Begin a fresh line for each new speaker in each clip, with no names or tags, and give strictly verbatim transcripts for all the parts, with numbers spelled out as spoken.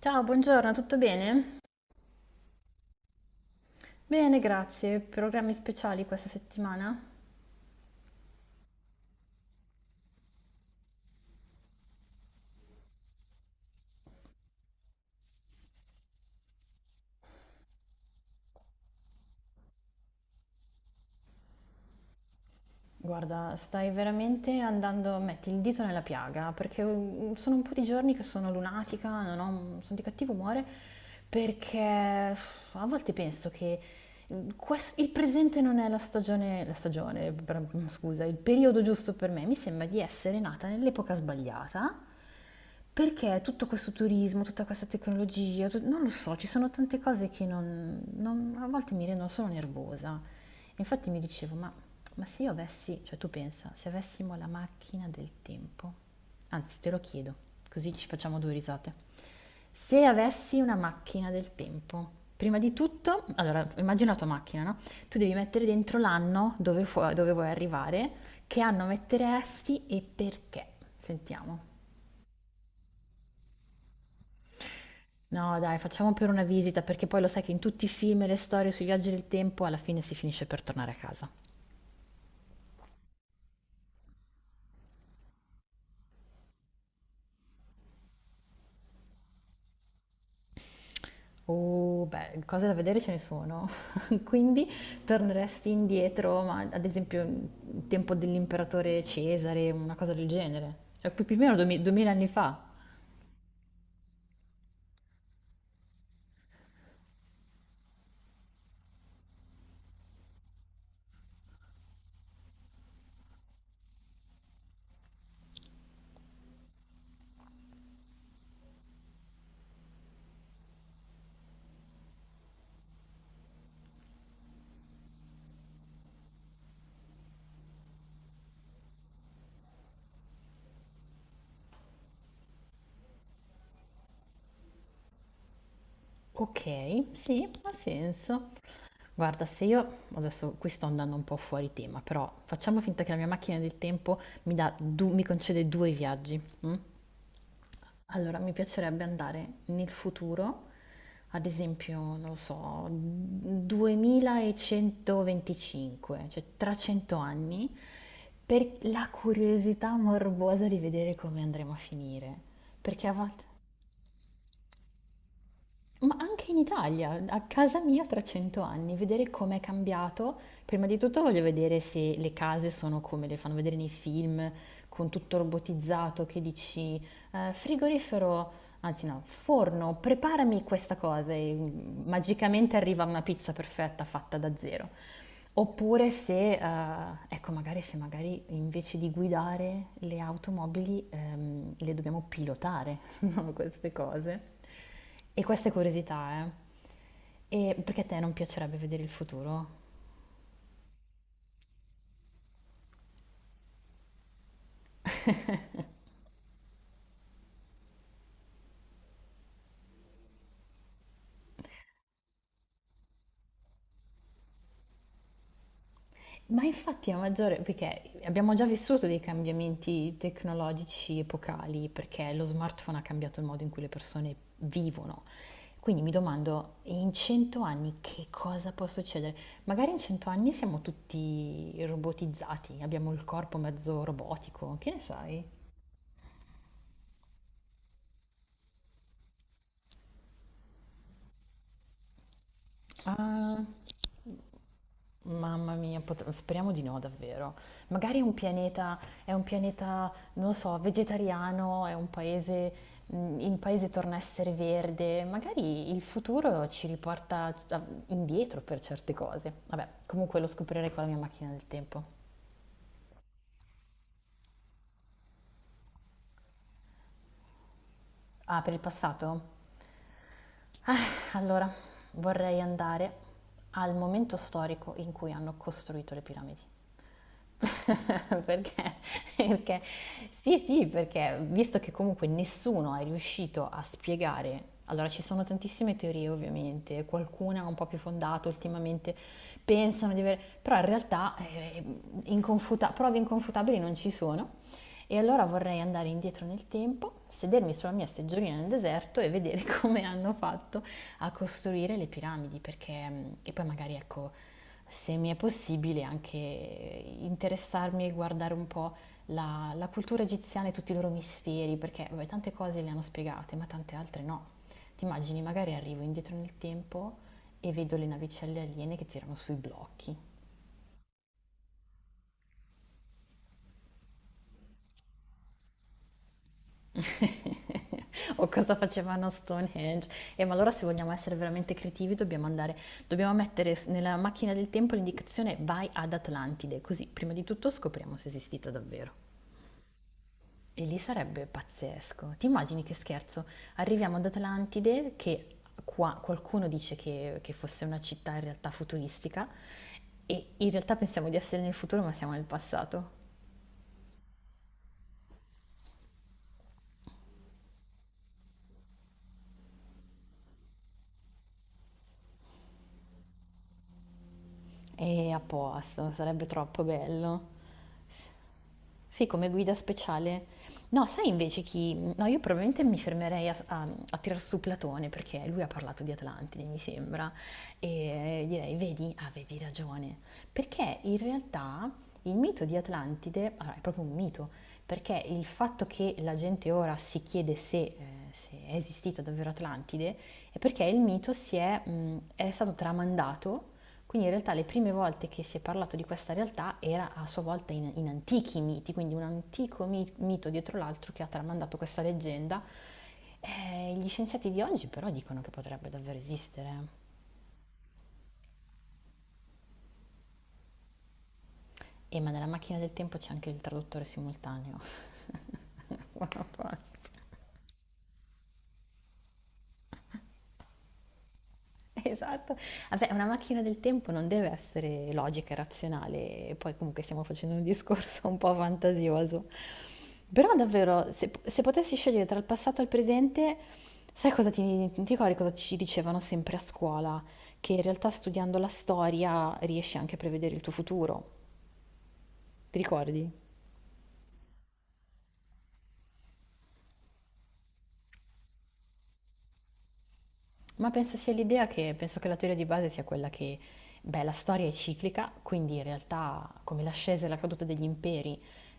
Ciao, buongiorno, tutto bene? Bene, grazie. Programmi speciali questa settimana? Guarda, stai veramente andando, metti il dito nella piaga, perché mm, sono un po' di giorni che sono lunatica, non ho- mm, sono di cattivo umore, perché uff, a volte penso che mm, quest- il presente non è la stagione, la stagione, bra- scusa, il periodo giusto per me. Mi sembra di essere nata nell'epoca sbagliata. Perché tutto questo turismo, tutta questa tecnologia, tu- non lo so, ci sono tante cose che non, non- a volte mi rendono solo nervosa. Infatti mi dicevo, ma, ma se io avessi, cioè tu pensa, se avessimo la macchina del tempo, anzi te lo chiedo, così ci facciamo due risate. Se avessi una macchina del tempo, prima di tutto, allora immagina la tua macchina, no? Tu devi mettere dentro l'anno dove, fu- dove vuoi arrivare, che anno metteresti e perché. Sentiamo. No dai, facciamo pure una visita, perché poi lo sai che in tutti i film e le storie sui viaggi del tempo alla fine si finisce per tornare a casa. Oh, beh, cose da vedere ce ne sono. Quindi torneresti indietro, ma ad esempio il tempo dell'imperatore Cesare, una cosa del genere. Cioè, più più o meno duemila 2000 anni fa. Ok, sì, ha senso. Guarda, se io adesso qui sto andando un po' fuori tema, però facciamo finta che la mia macchina del tempo mi dà du- mi concede due viaggi. mm? Allora, mi piacerebbe andare nel futuro, ad esempio, non lo so, duemilacentoventicinque, cioè tra cento anni, per la curiosità morbosa di vedere come andremo a finire. Perché a volte... Ma anche in Italia, a casa mia tra cento anni, vedere com'è cambiato. Prima di tutto voglio vedere se le case sono come le fanno vedere nei film, con tutto robotizzato, che dici, eh, frigorifero anzi no, forno, preparami questa cosa e mm, magicamente arriva una pizza perfetta fatta da zero. Oppure se, eh, ecco, magari se magari invece di guidare le automobili ehm, le dobbiamo pilotare, no? Queste cose. E queste curiosità, eh. E perché a te non piacerebbe vedere il futuro? Ma infatti a maggiore, perché abbiamo già vissuto dei cambiamenti tecnologici epocali, perché lo smartphone ha cambiato il modo in cui le persone vivono. Quindi mi domando, in cento anni che cosa può succedere? Magari in cento anni siamo tutti robotizzati, abbiamo il corpo mezzo robotico, che ne sai? Ah. Mamma mia, pot- speriamo di no, davvero. Magari è un pianeta, è un pianeta, non lo so, vegetariano, è un paese, mh, il paese torna a essere verde. Magari il futuro ci riporta a- indietro per certe cose. Vabbè, comunque lo scoprirei con la mia macchina del tempo. Ah, per il passato? Ah, allora, vorrei andare al momento storico in cui hanno costruito le piramidi. Perché? Perché sì, sì, perché visto che comunque nessuno è riuscito a spiegare, allora ci sono tantissime teorie ovviamente, qualcuna un po' più fondata ultimamente, pensano di avere, però in realtà eh, inconfuta- prove inconfutabili non ci sono e allora vorrei andare indietro nel tempo, sedermi sulla mia seggiolina nel deserto e vedere come hanno fatto a costruire le piramidi, perché mm, e poi magari ecco, se mi è possibile anche interessarmi e guardare un po' la, la cultura egiziana e tutti i loro misteri, perché vabbè, tante cose le hanno spiegate, ma tante altre no. Ti immagini, magari arrivo indietro nel tempo e vedo le navicelle aliene che tirano sui blocchi. O cosa facevano a Stonehenge. Eh, ma allora se vogliamo essere veramente creativi dobbiamo andare, dobbiamo mettere s- nella macchina del tempo l'indicazione vai ad Atlantide, così prima di tutto scopriamo se è esistito davvero. E lì sarebbe pazzesco. Ti immagini che scherzo? Arriviamo ad Atlantide, che qua qualcuno dice che, che fosse una città in realtà futuristica, e in realtà pensiamo di essere nel futuro ma siamo nel passato. E a posto, sarebbe troppo bello. Sì, come guida speciale. No, sai invece chi... No, io probabilmente mi fermerei a, a, a tirar su Platone perché lui ha parlato di Atlantide, mi sembra, e direi, vedi, avevi ragione, perché in realtà il mito di Atlantide, allora, è proprio un mito, perché il fatto che la gente ora si chiede se, eh, se è esistita davvero Atlantide è perché il mito si è, mh, è stato tramandato, quindi in realtà le prime volte che si è parlato di questa realtà era a sua volta in, in antichi miti, quindi un antico mi- mito dietro l'altro che ha tramandato questa leggenda. Eh, gli scienziati di oggi però dicono che potrebbe davvero esistere. E ma nella macchina del tempo c'è anche il traduttore simultaneo. Buona pace. Esatto. Vabbè, una macchina del tempo non deve essere logica e razionale, e poi comunque stiamo facendo un discorso un po' fantasioso. Però davvero, se, se potessi scegliere tra il passato e il presente, sai cosa ti, ti ricordi cosa ci dicevano sempre a scuola? Che in realtà studiando la storia riesci anche a prevedere il tuo futuro. Ti ricordi? Ma penso sia l'idea che, penso che la teoria di base sia quella che, beh, la storia è ciclica, quindi in realtà come l'ascesa e la caduta degli imperi,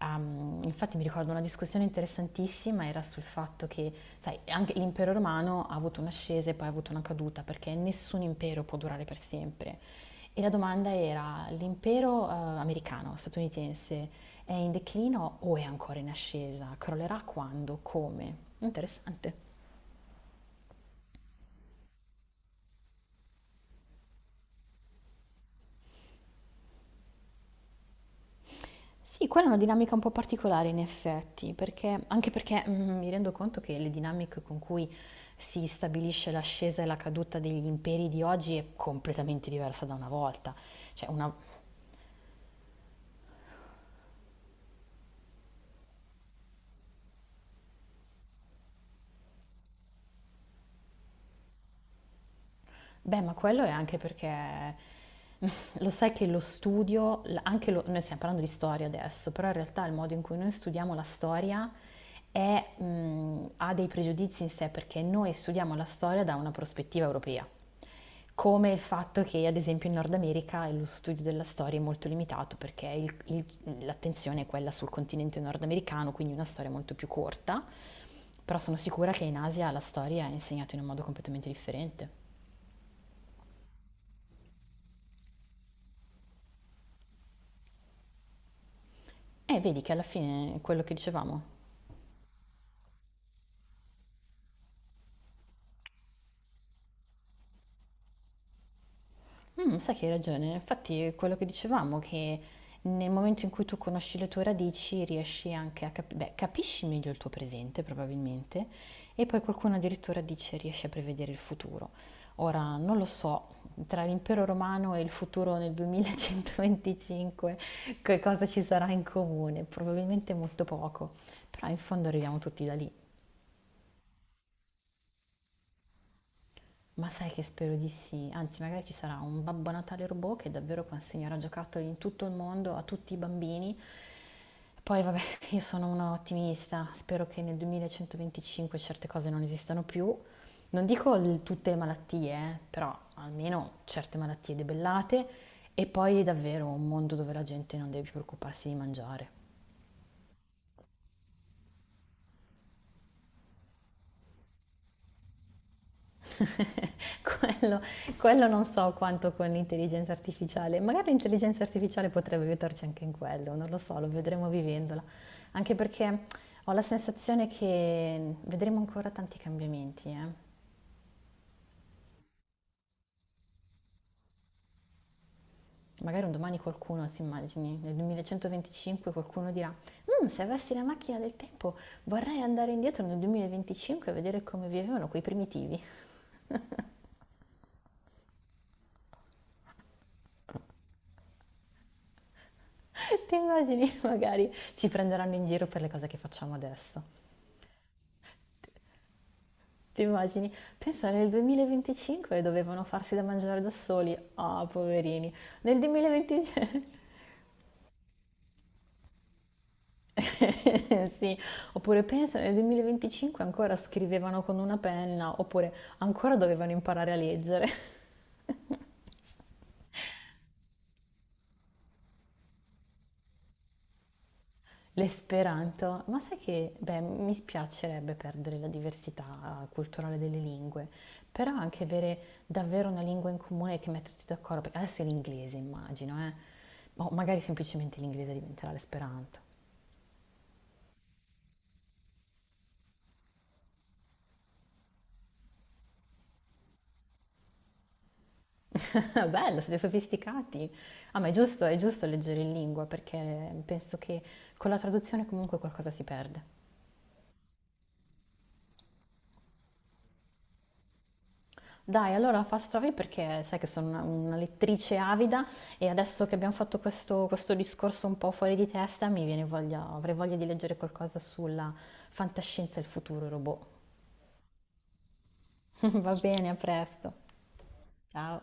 ehm, infatti mi ricordo una discussione interessantissima, era sul fatto che, sai, anche l'impero romano ha avuto un'ascesa e poi ha avuto una caduta, perché nessun impero può durare per sempre. E la domanda era, l'impero eh, americano, statunitense, è in declino o è ancora in ascesa? Crollerà quando? Come? Interessante. Sì, quella è una dinamica un po' particolare in effetti, perché, anche perché mm, mi rendo conto che le dinamiche con cui si stabilisce l'ascesa e la caduta degli imperi di oggi è completamente diversa da una volta. Cioè, una- Beh, ma quello è anche perché lo sai che lo studio, l- anche lo- noi stiamo parlando di storia adesso, però in realtà il modo in cui noi studiamo la storia è, mh, ha dei pregiudizi in sé perché noi studiamo la storia da una prospettiva europea, come il fatto che ad esempio in Nord America lo studio della storia è molto limitato perché il- il- l'attenzione è quella sul continente nordamericano, quindi una storia molto più corta, però sono sicura che in Asia la storia è insegnata in un modo completamente differente. Eh, vedi che alla fine è quello che dicevamo. Mm, sai che hai ragione, infatti è quello che dicevamo, che nel momento in cui tu conosci le tue radici riesci anche a capire, beh, capisci meglio il tuo presente probabilmente, e poi qualcuno addirittura dice riesci a prevedere il futuro. Ora, non lo so, tra l'impero romano e il futuro nel duemilacentoventicinque, che cosa ci sarà in comune? Probabilmente molto poco, però in fondo arriviamo tutti da lì. Ma sai che spero di sì, anzi magari ci sarà un Babbo Natale robot che davvero consegnerà giocattoli in tutto il mondo a tutti i bambini. Poi vabbè, io sono una ottimista, spero che nel duemilacentoventicinque certe cose non esistano più. Non dico il- tutte le malattie, eh, però almeno certe malattie debellate e poi davvero un mondo dove la gente non deve più preoccuparsi di mangiare. Quello quello non so quanto con l'intelligenza artificiale, magari l'intelligenza artificiale potrebbe aiutarci anche in quello, non lo so, lo vedremo vivendola, anche perché ho la sensazione che vedremo ancora tanti cambiamenti, eh. Magari un domani qualcuno, si immagini, nel duemilacentoventicinque qualcuno dirà, "Mh, se avessi la macchina del tempo vorrei andare indietro nel duemilaventicinque e vedere come vivevano quei primitivi." Ti immagini? Magari ci prenderanno in giro per le cose che facciamo adesso. Ti immagini? Pensa nel duemilaventicinque dovevano farsi da mangiare da soli. Ah, poverini. Nel duemilaventicinque sì. Oppure pensa nel duemilaventicinque ancora scrivevano con una penna, oppure ancora dovevano imparare a leggere. L'esperanto, ma sai che, beh, mi spiacerebbe perdere la diversità culturale delle lingue, però anche avere davvero una lingua in comune che mette tutti d'accordo, perché adesso è l'inglese, immagino, eh. O magari semplicemente l'inglese diventerà l'esperanto. Ah, bello, siete sofisticati. Ah, ma è giusto, è giusto leggere in lingua perché penso che con la traduzione comunque qualcosa si perde. Dai, allora Fast Travel perché sai che sono una, una lettrice avida e adesso che abbiamo fatto questo, questo discorso un po' fuori di testa mi viene voglia, avrei voglia di leggere qualcosa sulla fantascienza e il futuro robot. Va bene, a presto. Ciao.